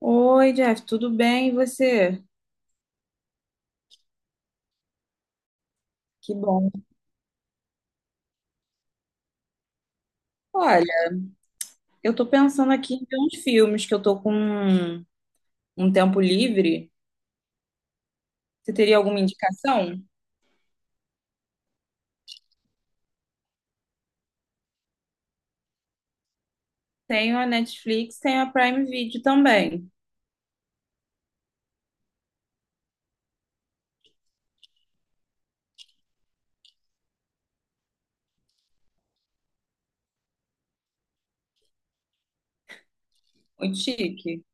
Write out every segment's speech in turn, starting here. Oi, Jeff, tudo bem? E você? Que bom. Olha, eu tô pensando aqui em ver uns filmes que eu tô com um tempo livre. Você teria alguma indicação? Tenho a Netflix, tenho a Prime Video também. Muito chique.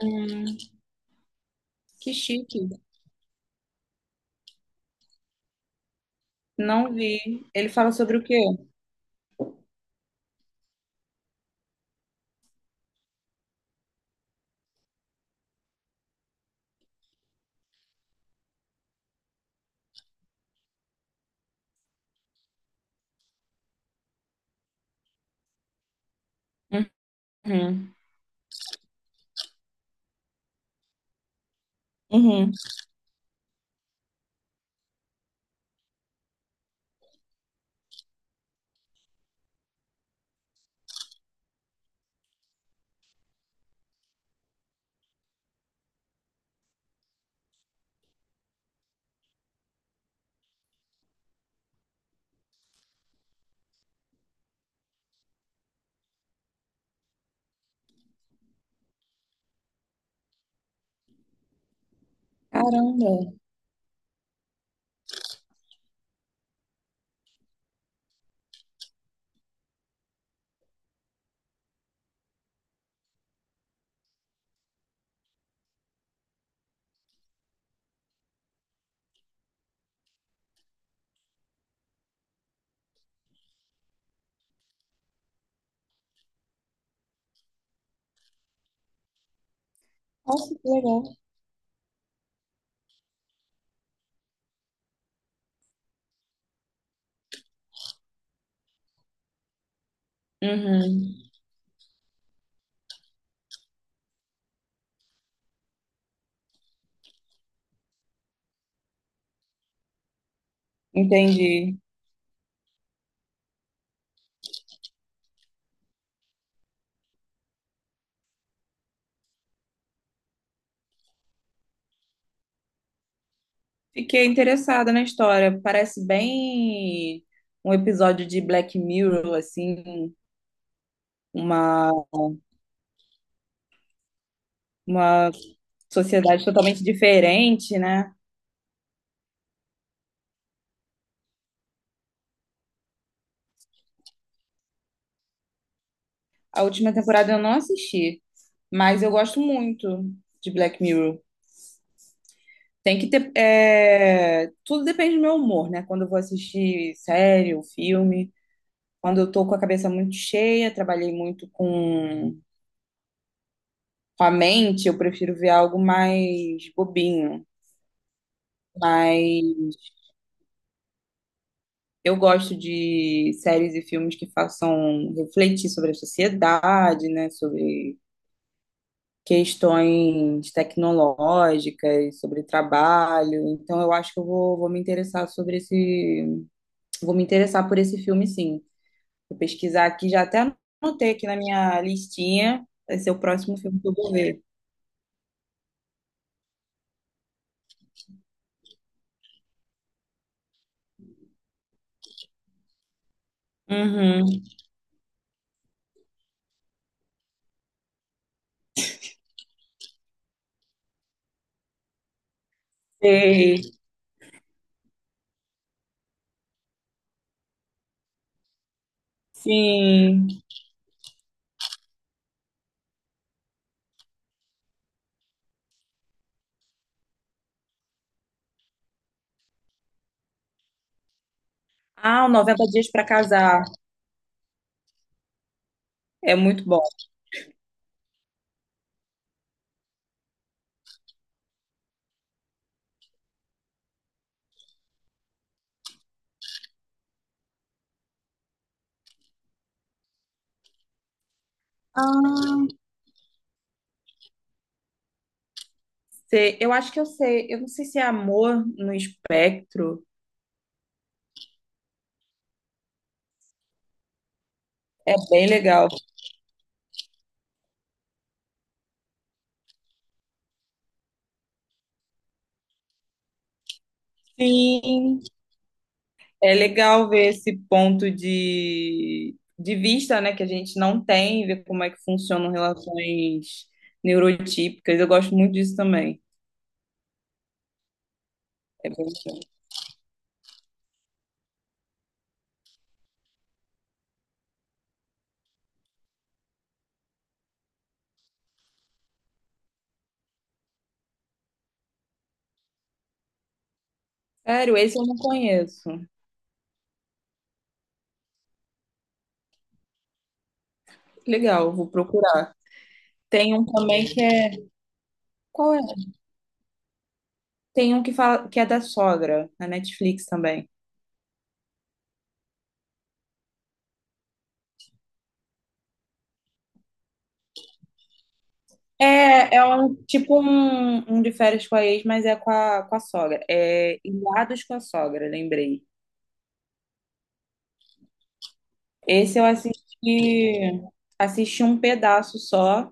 Hum, que chique. Não vi. Ele fala sobre o quê? Uhum. Uhum. Caramba. Nossa, que legal. Uhum. Entendi. Fiquei interessada na história. Parece bem um episódio de Black Mirror, assim, uma, uma sociedade totalmente diferente, né? A última temporada eu não assisti, mas eu gosto muito de Black Mirror. Tem que ter. Tudo depende do meu humor, né? Quando eu vou assistir série ou filme, quando eu tô com a cabeça muito cheia, trabalhei muito com a mente, eu prefiro ver algo mais bobinho. Mas eu gosto de séries e filmes que façam refletir sobre a sociedade, né? Sobre questões tecnológicas, sobre trabalho. Então, eu acho que eu vou me interessar sobre esse. Vou me interessar por esse filme, sim. Vou pesquisar aqui, já até anotei aqui na minha listinha. Vai ser o próximo filme que eu vou ver. Uhum. Sei. Sim. Ah, o noventa Dias para Casar. É muito bom. Ah, sei. Eu acho que eu sei. Eu não sei se é Amor no Espectro. É bem legal. Sim. É legal ver esse ponto de vista, né, que a gente não tem, ver como é que funcionam relações neurotípicas. Eu gosto muito disso também. É bem legal. Sério, esse eu não conheço. Legal, eu vou procurar. Tem um também que é. Qual é? Tem um que fala que é da sogra, na Netflix também. É, é um tipo um de férias com a ex, mas é com com a sogra. É Ilhados com a sogra, lembrei. Esse eu assisti um pedaço só,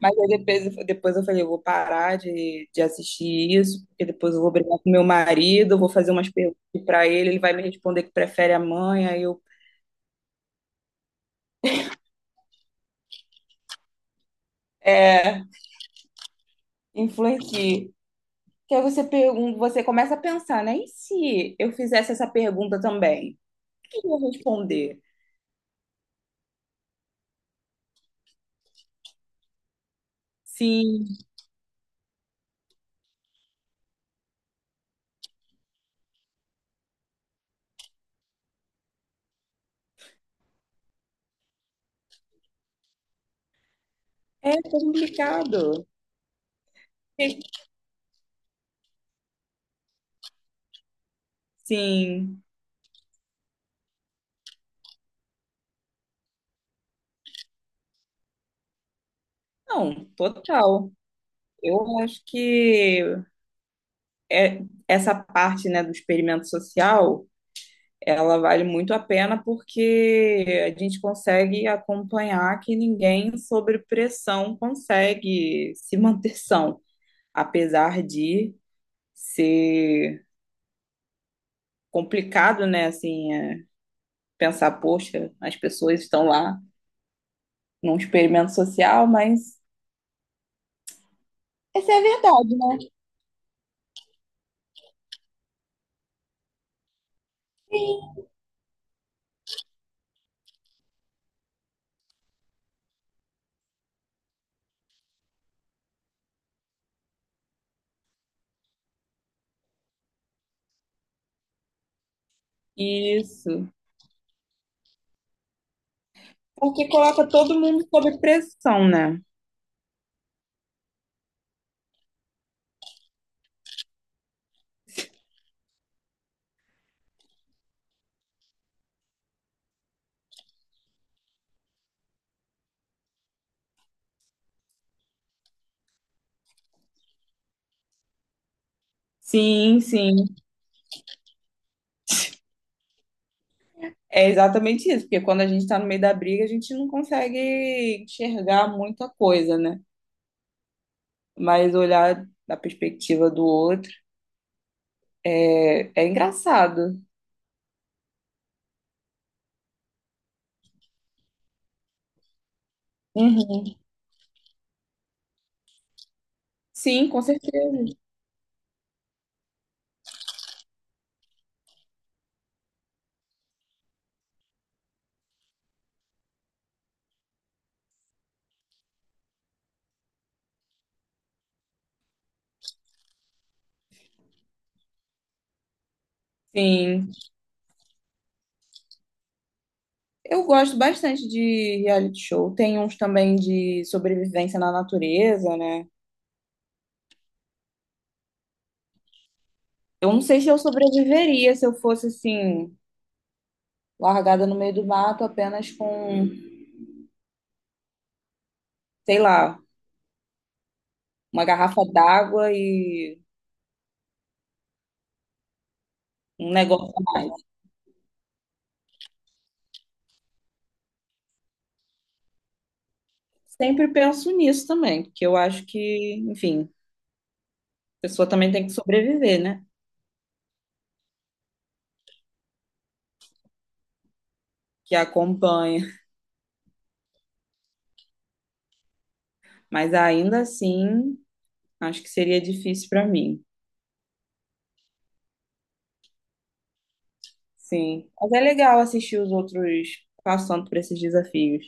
mas aí depois eu falei, eu vou parar de assistir isso, porque depois eu vou brigar com meu marido, eu vou fazer umas perguntas para ele, ele vai me responder que prefere a mãe, aí eu é, influencie. Que aí você pergunta, você começa a pensar, né? E se eu fizesse essa pergunta também? O que eu ia responder? Sim, é complicado. Sim, não, total. Eu acho que é, essa parte, né, do experimento social, ela vale muito a pena porque a gente consegue acompanhar que ninguém sobre pressão consegue se manter são, apesar de ser complicado, né, assim, pensar, poxa, as pessoas estão lá num experimento social, mas essa é a verdade. Isso, porque coloca todo mundo sob pressão, né? Sim, sim. É exatamente isso, porque quando a gente está no meio da briga, a gente não consegue enxergar muita coisa, né? Mas olhar da perspectiva do outro é engraçado. Uhum. Sim, com certeza. Sim. Eu gosto bastante de reality show. Tem uns também de sobrevivência na natureza, né? Eu não sei se eu sobreviveria se eu fosse assim, largada no meio do mato apenas com, sei lá, uma garrafa d'água e um negócio. Sempre penso nisso também, porque eu acho que, enfim, a pessoa também tem que sobreviver, né? Que acompanha. Mas ainda assim, acho que seria difícil para mim. Sim. Mas é legal assistir os outros passando por esses desafios.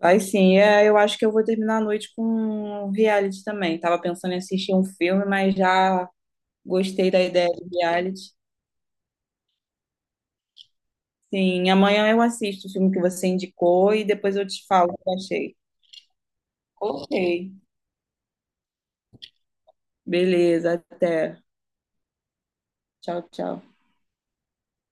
Mas sim, eu acho que eu vou terminar a noite com um reality também. Tava pensando em assistir um filme, mas já gostei da ideia de reality. Sim, amanhã eu assisto o filme que você indicou e depois eu te falo o que eu achei. Ok. Beleza, até. Tchau, tchau.